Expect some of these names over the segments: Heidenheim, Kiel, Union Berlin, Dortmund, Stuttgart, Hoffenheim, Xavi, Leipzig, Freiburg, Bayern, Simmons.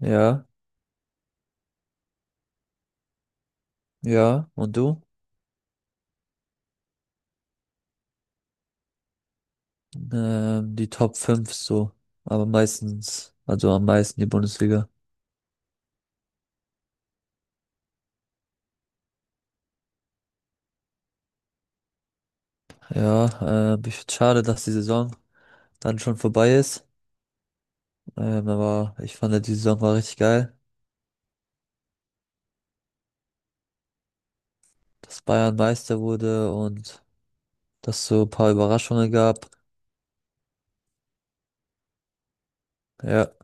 Ja, ja. Und du? Die Top 5 so. Aber meistens, also am meisten die Bundesliga. Ja, ich find's schade, dass die Saison dann schon vorbei ist. Aber ich fand, ja, die Saison war richtig geil, dass Bayern Meister wurde und dass so ein paar Überraschungen gab. Ja,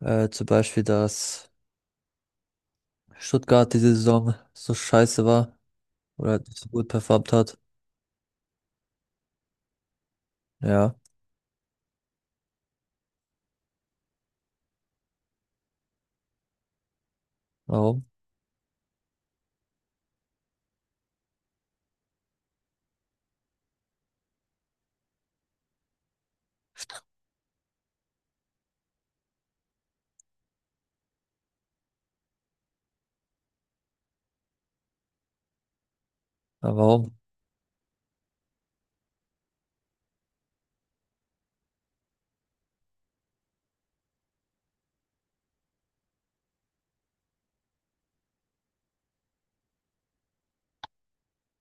zum Beispiel, dass Stuttgart diese Saison so scheiße war oder halt nicht so gut performt hat. Ja, warum? Aber warum?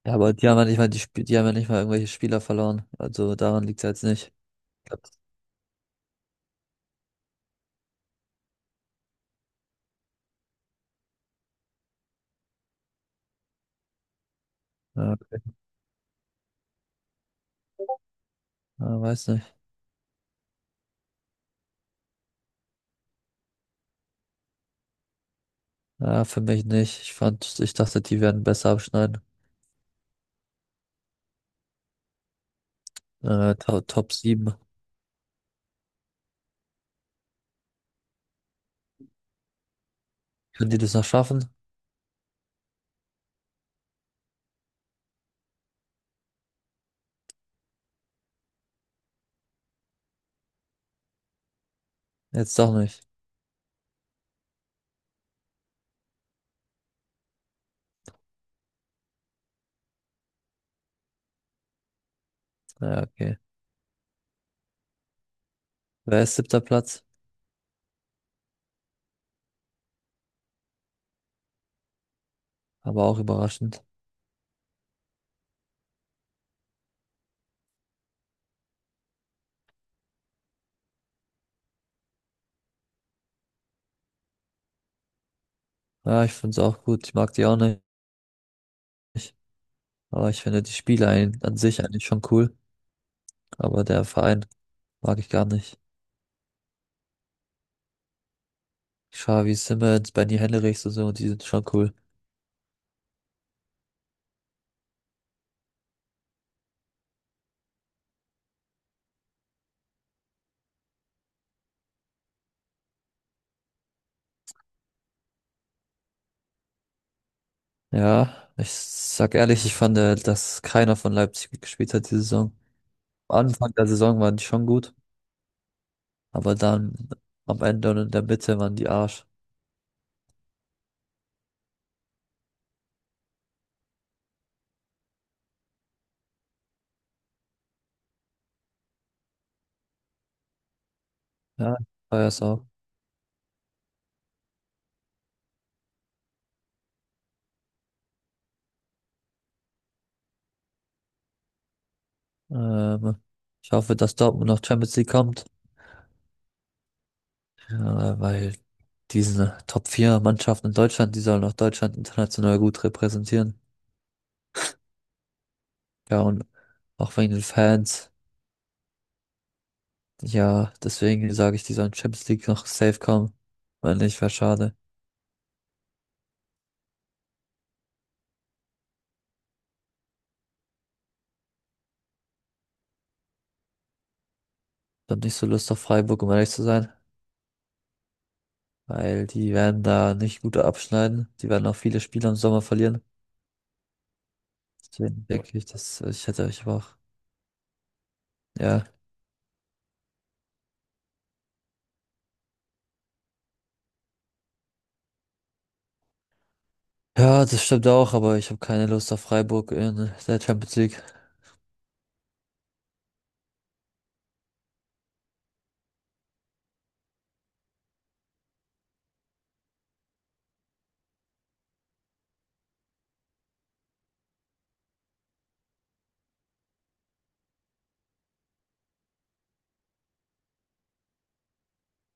Ja, aber die haben ja nicht mal irgendwelche Spieler verloren. Also daran liegt es jetzt nicht. Glaub, ja, ja, weiß nicht. Ja, für mich nicht. Ich dachte, die werden besser abschneiden. To Top sieben. Können die das noch schaffen? Jetzt doch nicht. Ja, okay. Wer ist siebter Platz? Aber auch überraschend. Ja, ich finde es auch gut. Ich mag die auch nicht. Aber ich finde die Spieler an sich eigentlich schon cool. Aber der Verein mag ich gar nicht. Xavi, Simmons, Benny Henrichs und so, die sind schon cool. Ja, ich sag ehrlich, ich fand, dass keiner von Leipzig gut gespielt hat diese Saison. Am Anfang der Saison waren die schon gut, aber dann am Ende und in der Mitte waren die Arsch. Ja, war es auch. Ähm, ich hoffe, dass Dortmund noch Champions League kommt, ja, weil diese top vier Mannschaften in Deutschland die sollen auch Deutschland international gut repräsentieren Ja, und auch wegen den Fans. Ja, deswegen sage ich, die sollen Champions League noch safe kommen. Weil nicht, wäre schade. Ich hab nicht so Lust auf Freiburg, um ehrlich zu sein. Weil die werden da nicht gut abschneiden. Die werden auch viele Spiele im Sommer verlieren. Deswegen denke ich, dass also ich hätte euch auch. Ja. Ja, das stimmt auch, aber ich habe keine Lust auf Freiburg in der Champions League,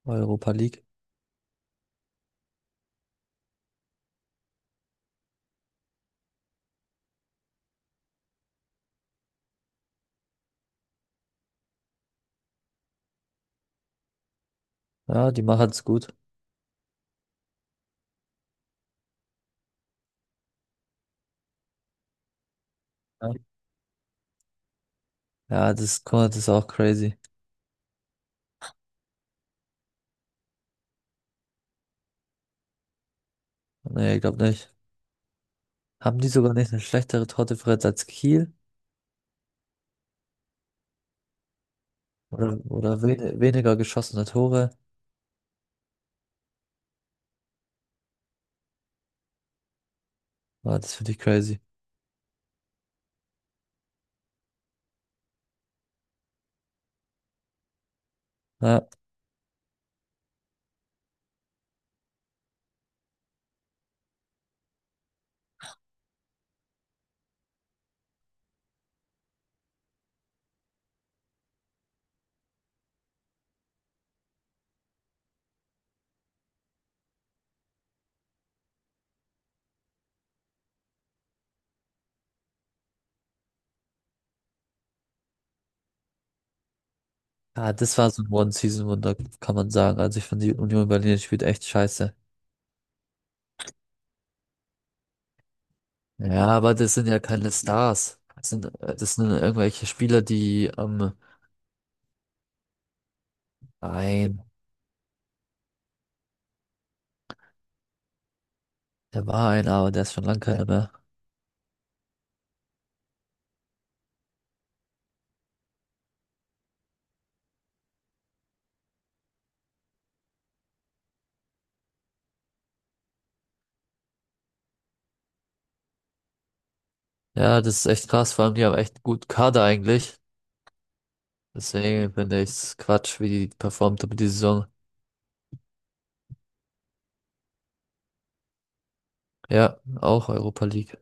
Europa League. Ja, die machen es gut. Ja, ja, guck mal, das ist auch crazy. Nee, ich glaube nicht. Haben die sogar nicht eine schlechtere Tordifferenz als Kiel? Oder wen weniger geschossene Tore? Ja, das finde ich crazy. Ja. Ja, das war so ein One-Season-Wunder, kann man sagen. Also ich finde, die Union Berlin spielt echt scheiße. Ja, aber das sind ja keine Stars. Das sind irgendwelche Spieler, die ein, der war einer, aber der ist schon lange keiner mehr. Ja, das ist echt krass, vor allem die haben echt gut Kader eigentlich. Deswegen finde ich's Quatsch, wie die performt haben die Saison. Ja, auch Europa League.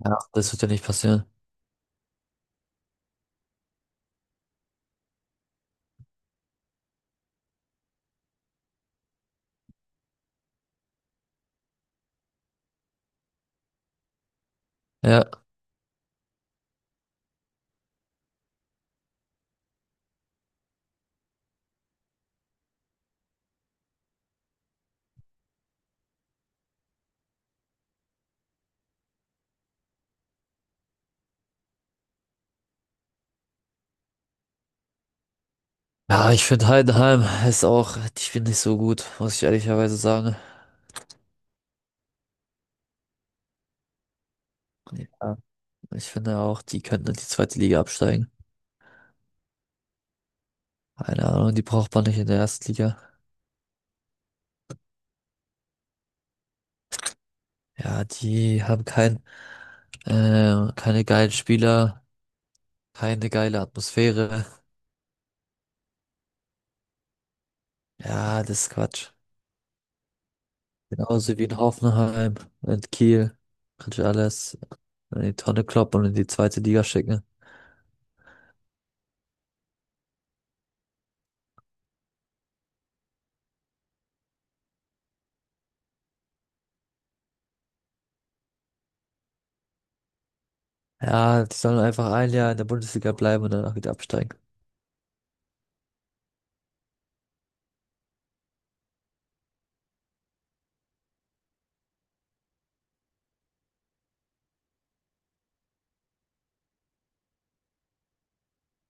Ja, das wird ja nicht passieren. Ja. Ja, ich finde, Heidenheim ist auch, die spielen nicht so gut, muss ich ehrlicherweise sagen. Ja. Ich finde auch, die könnten in die zweite Liga absteigen. Keine Ahnung, die braucht man nicht in der ersten Liga. Ja, die haben keine geilen Spieler, keine geile Atmosphäre. Ja, das ist Quatsch. Genauso wie in Hoffenheim und Kiel. Kannst du alles in die Tonne kloppen und in die zweite Liga schicken. Ja, die sollen einfach ein Jahr in der Bundesliga bleiben und danach wieder absteigen.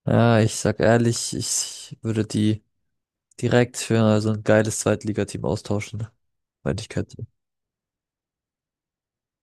Ja, ich sag ehrlich, ich würde die direkt für so ein geiles Zweitligateam austauschen, wenn ich könnte.